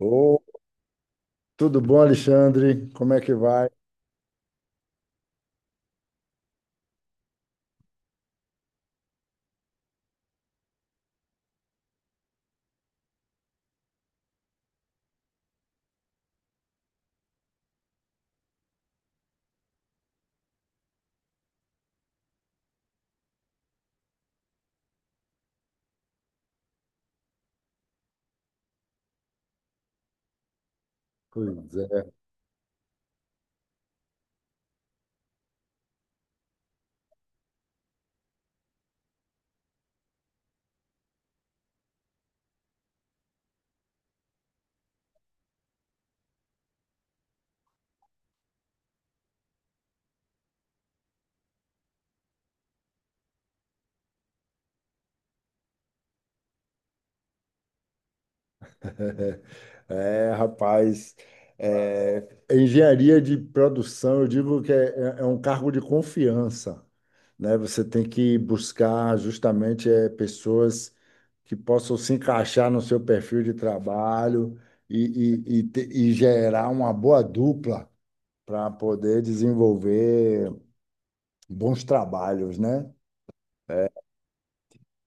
Ô, tudo bom, Alexandre? Como é que vai? Pois é. É, rapaz, engenharia de produção, eu digo é um cargo de confiança, né? Você tem que buscar justamente pessoas que possam se encaixar no seu perfil de trabalho e gerar uma boa dupla para poder desenvolver bons trabalhos, né?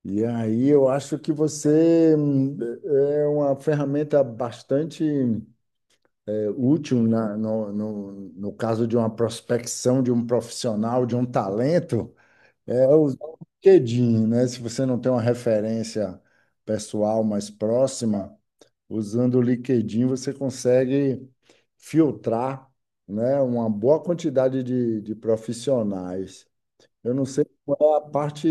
E aí eu acho que você é uma ferramenta bastante útil no caso de uma prospecção de um profissional, de um talento, é usar o LinkedIn, né? Se você não tem uma referência pessoal mais próxima, usando o LinkedIn você consegue filtrar, né, uma boa quantidade de profissionais. Eu não sei qual é a parte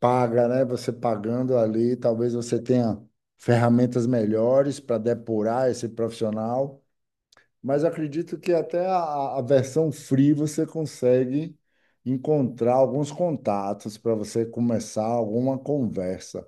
paga, né? Você pagando ali, talvez você tenha ferramentas melhores para depurar esse profissional, mas eu acredito que até a versão free você consegue encontrar alguns contatos para você começar alguma conversa.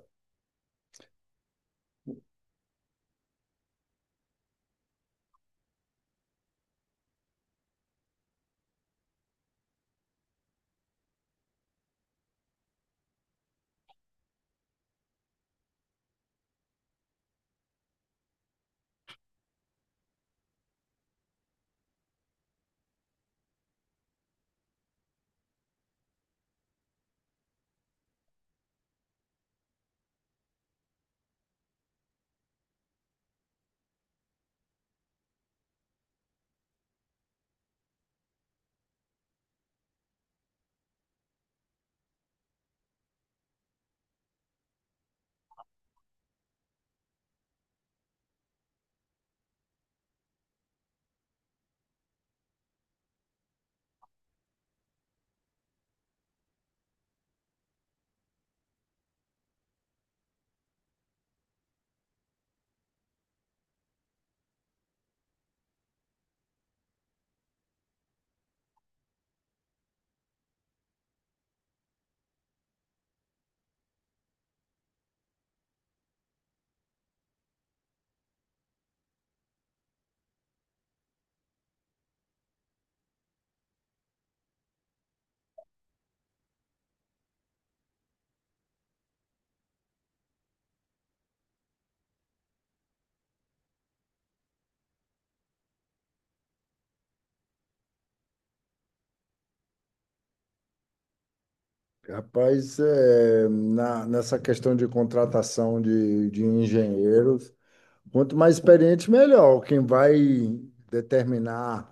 Rapaz, é, na, nessa questão de contratação de engenheiros, quanto mais experiente, melhor. Quem vai determinar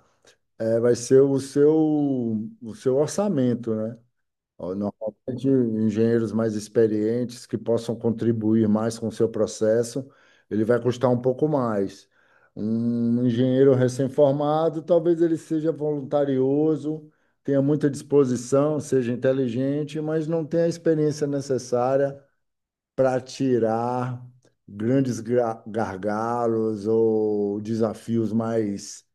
Vai ser o seu orçamento, né? Ó, normalmente, engenheiros mais experientes que possam contribuir mais com o seu processo, ele vai custar um pouco mais. Um engenheiro recém-formado, talvez ele seja voluntarioso, tenha muita disposição, seja inteligente, mas não tenha a experiência necessária para tirar gargalos ou desafios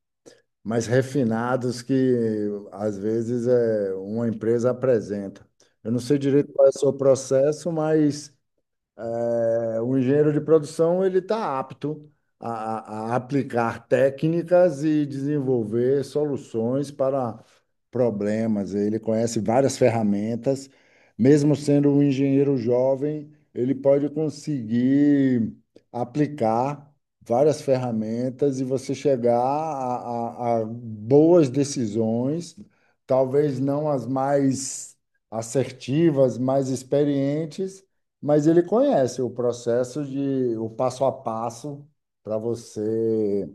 mais refinados que às vezes uma empresa apresenta. Eu não sei direito qual é o seu processo, mas o engenheiro de produção ele está apto a aplicar técnicas e desenvolver soluções para problemas. Ele conhece várias ferramentas. Mesmo sendo um engenheiro jovem, ele pode conseguir aplicar várias ferramentas e você chegar a boas decisões, talvez não as mais assertivas, mais experientes, mas ele conhece o processo de o passo a passo para você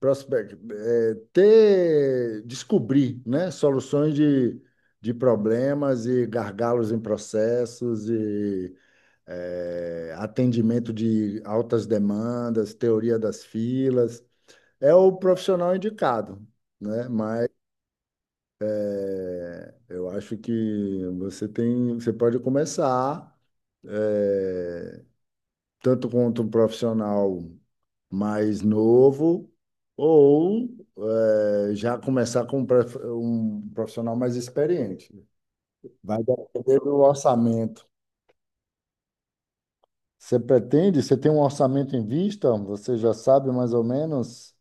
descobrir, né, soluções de problemas e gargalos em processos e atendimento de altas demandas, teoria das filas. É o profissional indicado, né? Mas eu acho que você pode começar eh, tanto quanto um profissional mais novo, ou já começar com um profissional mais experiente. Vai depender do orçamento. Você pretende? Você tem um orçamento em vista? Você já sabe mais ou menos?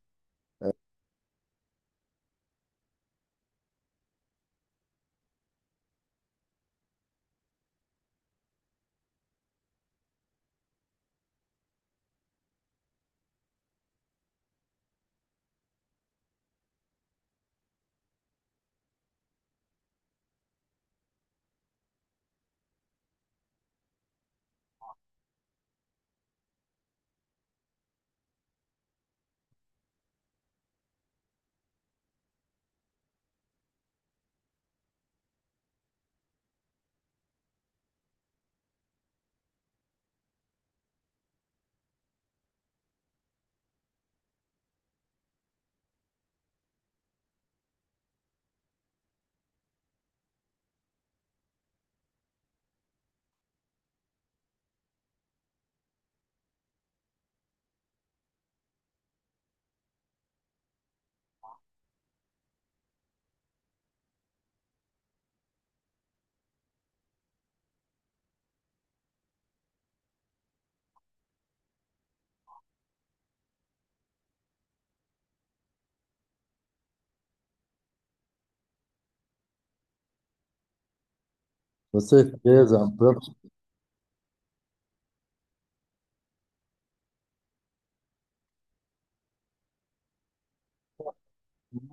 Com certeza. Porque,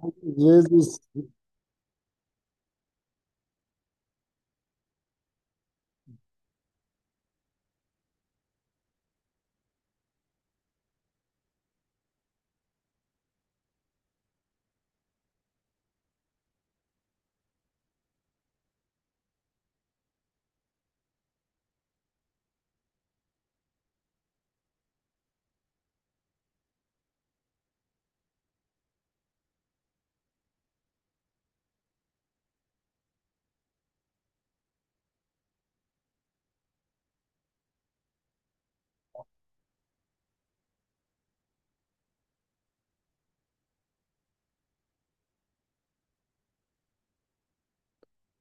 Às vezes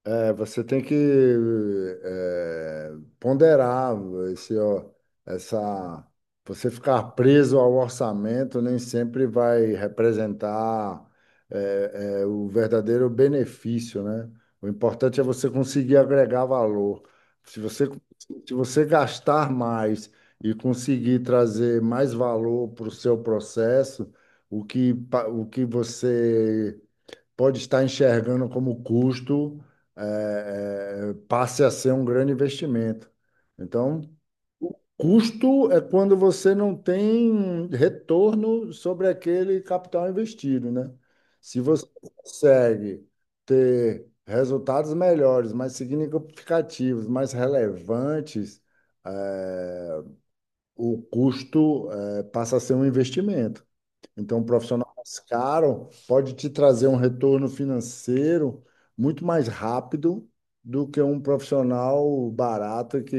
É, Você tem que é, ponderar esse, ó, essa. Você ficar preso ao orçamento nem sempre vai representar o verdadeiro benefício, né? O importante é você conseguir agregar valor. Se você, Se você gastar mais e conseguir trazer mais valor para o seu processo, o que você pode estar enxergando como custo, passe a ser um grande investimento. Então, o custo é quando você não tem retorno sobre aquele capital investido, né? Se você consegue ter resultados melhores, mais significativos, mais relevantes, eh, o custo, passa a ser um investimento. Então, um profissional mais caro pode te trazer um retorno financeiro muito mais rápido do que um profissional barato que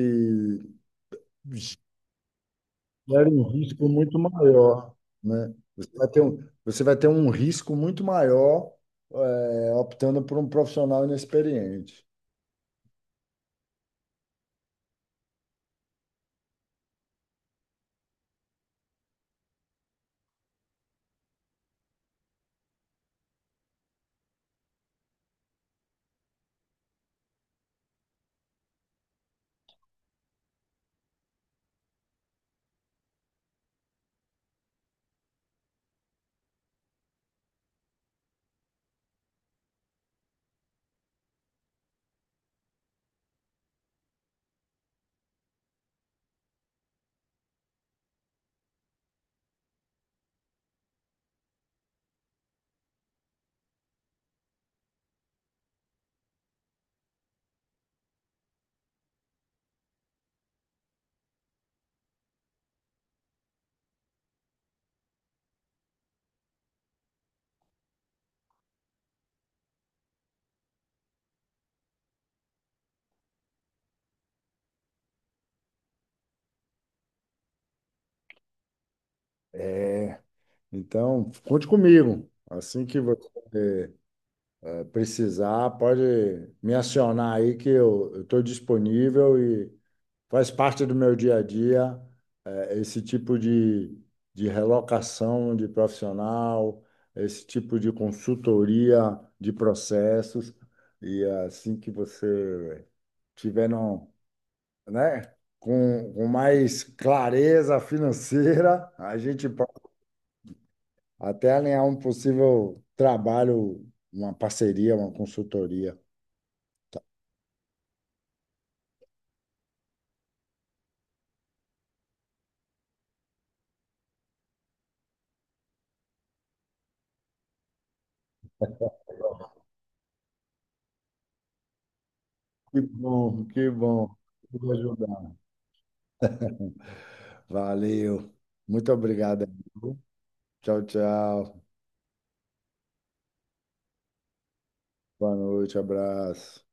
gera um risco muito maior, né? Você vai ter um risco muito maior, optando por um profissional inexperiente. Então, conte comigo. Assim que você precisar, pode me acionar aí que eu estou disponível e faz parte do meu dia a dia esse tipo de relocação de profissional, esse tipo de consultoria de processos, e assim que você tiver no, né, com mais clareza financeira, a gente pode até alinhar um possível trabalho, uma parceria, uma consultoria. Que bom, que bom. Vou ajudar. Valeu. Muito obrigado. Tchau, tchau. Boa noite, abraço.